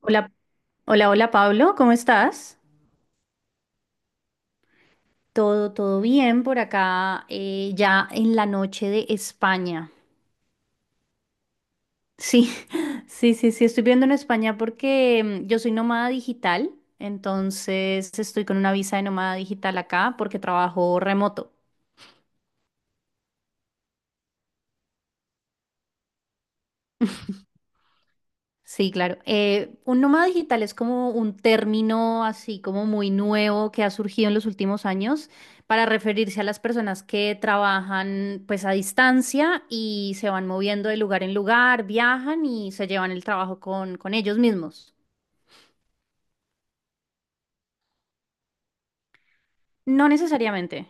Hola, hola, hola Pablo, ¿cómo estás? Todo bien por acá, ya en la noche de España. Sí, sí, sí, sí, estoy viendo en España porque yo soy nómada digital, entonces estoy con una visa de nómada digital acá porque trabajo remoto. Sí, claro. Un nómada digital es como un término así como muy nuevo que ha surgido en los últimos años para referirse a las personas que trabajan pues a distancia y se van moviendo de lugar en lugar, viajan y se llevan el trabajo con ellos mismos. No necesariamente.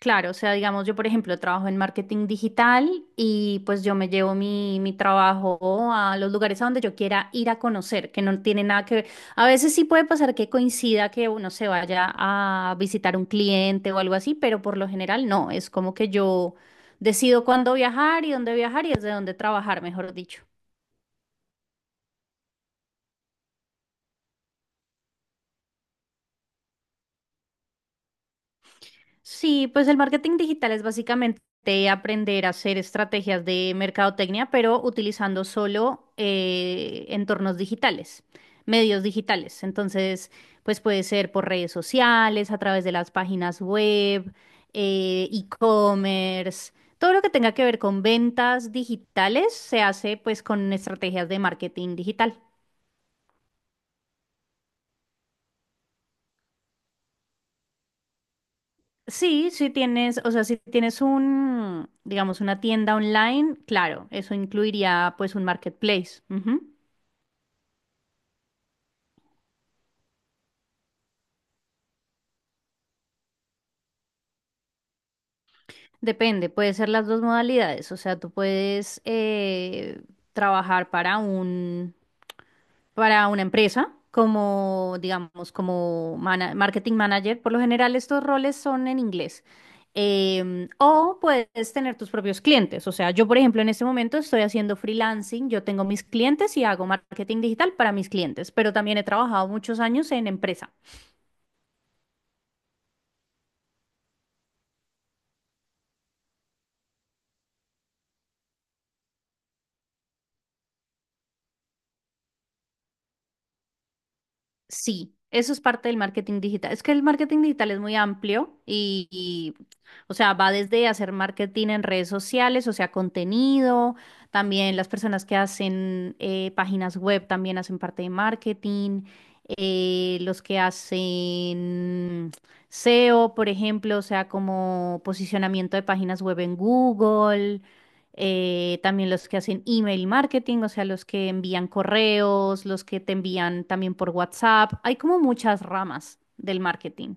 Claro, o sea, digamos, yo por ejemplo trabajo en marketing digital y pues yo me llevo mi trabajo a los lugares a donde yo quiera ir a conocer, que no tiene nada que ver. A veces sí puede pasar que coincida que uno se vaya a visitar un cliente o algo así, pero por lo general no, es como que yo decido cuándo viajar y dónde viajar y desde dónde trabajar, mejor dicho. Sí, pues el marketing digital es básicamente aprender a hacer estrategias de mercadotecnia, pero utilizando solo entornos digitales, medios digitales. Entonces, pues puede ser por redes sociales, a través de las páginas web, e-commerce, todo lo que tenga que ver con ventas digitales se hace pues con estrategias de marketing digital. Sí, si tienes, o sea, si tienes un, digamos, una tienda online, claro, eso incluiría pues un marketplace. Ujú. Depende, puede ser las dos modalidades, o sea, tú puedes trabajar para un, para una empresa, como, digamos, como marketing manager. Por lo general, estos roles son en inglés. O puedes tener tus propios clientes. O sea, yo, por ejemplo, en este momento estoy haciendo freelancing, yo tengo mis clientes y hago marketing digital para mis clientes, pero también he trabajado muchos años en empresa. Sí, eso es parte del marketing digital. Es que el marketing digital es muy amplio y, o sea, va desde hacer marketing en redes sociales, o sea, contenido, también las personas que hacen páginas web también hacen parte de marketing, los que hacen SEO, por ejemplo, o sea, como posicionamiento de páginas web en Google también los que hacen email marketing, o sea, los que envían correos, los que te envían también por WhatsApp. Hay como muchas ramas del marketing.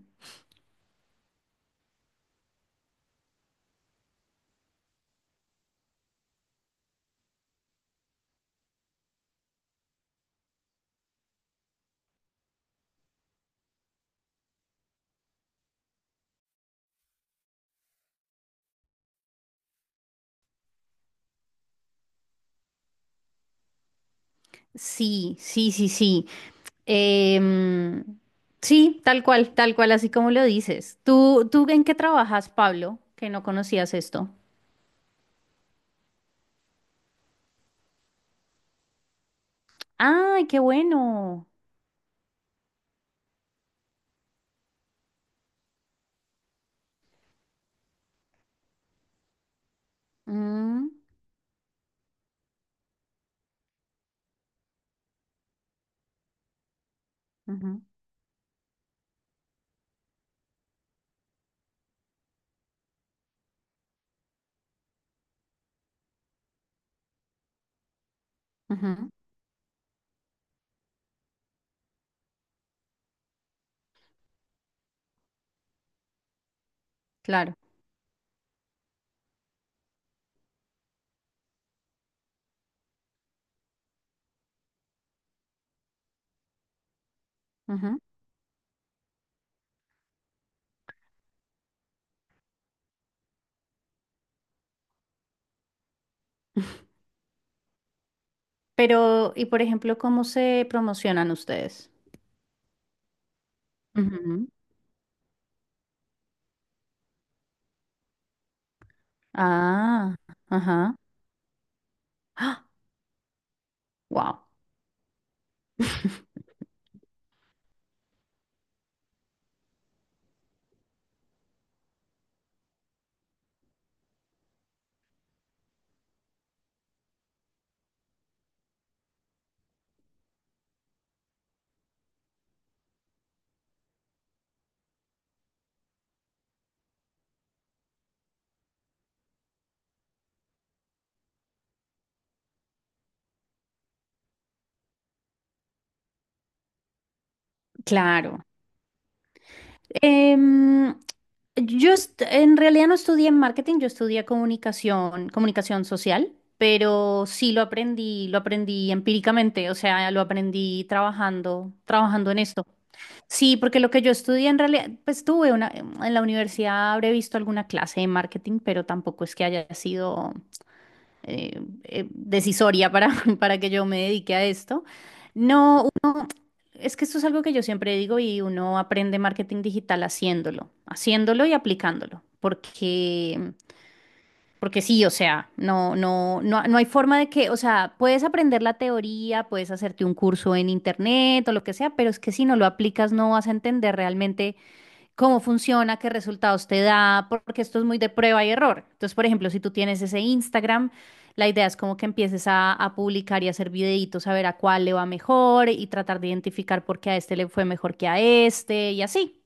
Sí, sí, sí, sí. Em, sí, tal cual, así como lo dices. ¿Tú en qué trabajas, Pablo? Que no conocías esto. ¡Ay, qué bueno! Mm, ujú, ujú, claro. Ujú. Pero, y por ejemplo, ¿cómo se promocionan ustedes? Ujú. Ah, ajá. Wow. Claro. Em, yo en realidad no estudié marketing, yo estudié comunicación, comunicación social, pero sí lo aprendí empíricamente, o sea, lo aprendí trabajando, trabajando en esto. Sí, porque lo que yo estudié en realidad, pues tuve una, en la universidad habré visto alguna clase de marketing, pero tampoco es que haya sido decisoria para, para que yo me dedique a esto. No, es que esto es algo que yo siempre digo y uno aprende marketing digital haciéndolo, haciéndolo y aplicándolo, porque sí, o sea, no, no, no, no hay forma de que, o sea, puedes aprender la teoría, puedes hacerte un curso en internet o lo que sea, pero es que si no lo aplicas no vas a entender realmente cómo funciona, qué resultados te da, porque esto es muy de prueba y error. Entonces, por ejemplo, si tú tienes ese Instagram, la idea es como que empieces a publicar y hacer videitos, a ver a cuál le va mejor y tratar de identificar por qué a este le fue mejor que a este y así.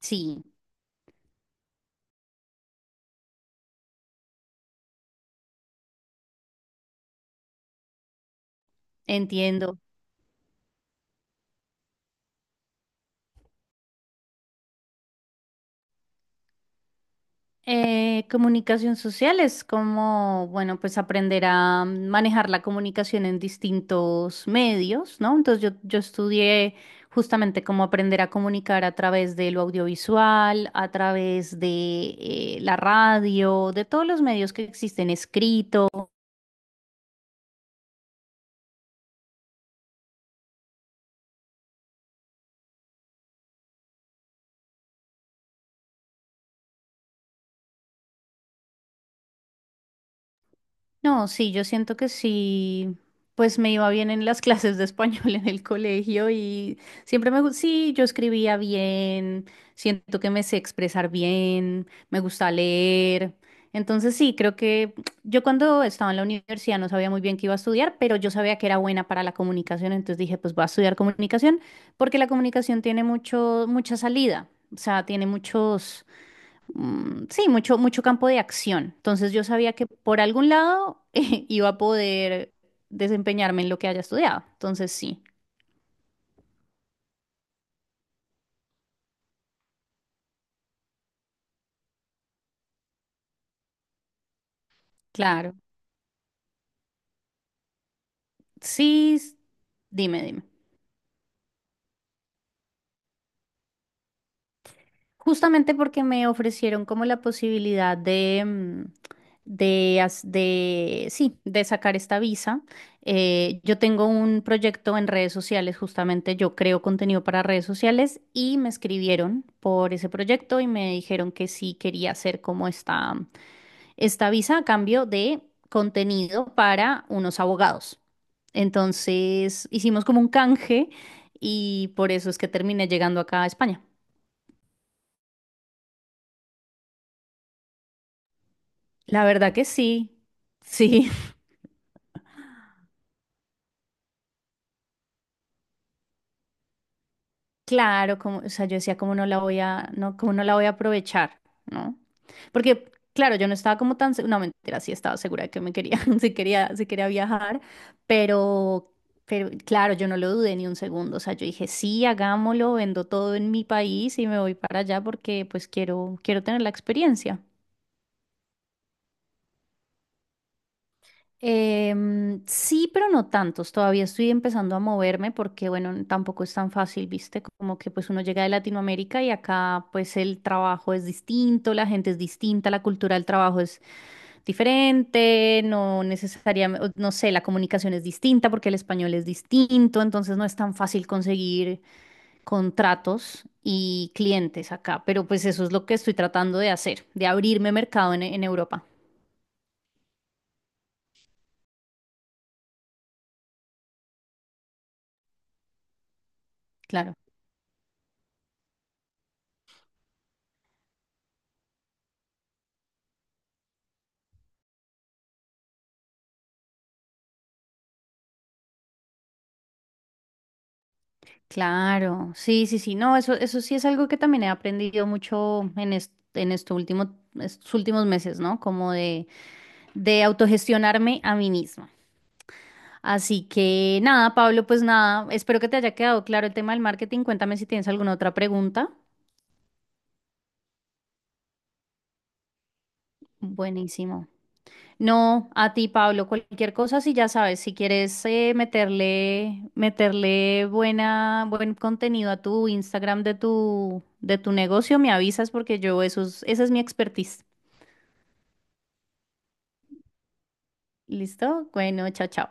Sí, entiendo. Comunicación social es como, bueno, pues aprender a manejar la comunicación en distintos medios, ¿no? Entonces yo estudié justamente cómo aprender a comunicar a través de lo audiovisual, a través de la radio, de todos los medios que existen escritos. No, sí, yo siento que sí, pues me iba bien en las clases de español en el colegio y sí, yo escribía bien, siento que me sé expresar bien, me gusta leer. Entonces sí, creo que yo cuando estaba en la universidad no sabía muy bien qué iba a estudiar, pero yo sabía que era buena para la comunicación, entonces dije, pues voy a estudiar comunicación, porque la comunicación tiene mucho, mucha salida, o sea, tiene muchos sí, mucho, mucho campo de acción. Entonces yo sabía que por algún lado iba a poder desempeñarme en lo que haya estudiado. Entonces sí, claro. Sí, dime, dime. Justamente porque me ofrecieron como la posibilidad de, mm, de, sí, de sacar esta visa. Yo tengo un proyecto en redes sociales, justamente yo creo contenido para redes sociales y me escribieron por ese proyecto y me dijeron que sí quería hacer como esta visa a cambio de contenido para unos abogados. Entonces hicimos como un canje y por eso es que terminé llegando acá a España. La verdad que sí, sí. Claro, como, o sea, yo decía, ¿cómo no la voy a, no, cómo no la voy a aprovechar, ¿no? Porque, claro, yo no estaba como tan, se- no, mentira, sí estaba segura de que me quería, sí quería viajar, pero, claro, yo no lo dudé ni un segundo, o sea, yo dije, sí, hagámoslo, vendo todo en mi país y me voy para allá porque, pues, quiero, quiero tener la experiencia. Sí, pero no tantos. Todavía estoy empezando a moverme porque, bueno, tampoco es tan fácil, ¿viste? Como que pues uno llega de Latinoamérica y acá pues el trabajo es distinto, la gente es distinta, la cultura del trabajo es diferente, no necesariamente, no sé, la comunicación es distinta porque el español es distinto, entonces no es tan fácil conseguir contratos y clientes acá, pero pues eso es lo que estoy tratando de hacer, de abrirme mercado en Europa. Claro. Claro, sí, sí, sí, no, eso sí es algo que también he aprendido mucho en estos últimos meses, ¿no? Como de autogestionarme a mí misma. Así que nada, Pablo, pues nada, espero que te haya quedado claro el tema del marketing. Cuéntame si tienes alguna otra pregunta. Buenísimo. No, a ti, Pablo, cualquier cosa, si ya sabes, si quieres meterle buen contenido a tu Instagram de tu negocio, me avisas porque yo eso es, esa es mi expertise. ¿Listo? Bueno, chao, chao.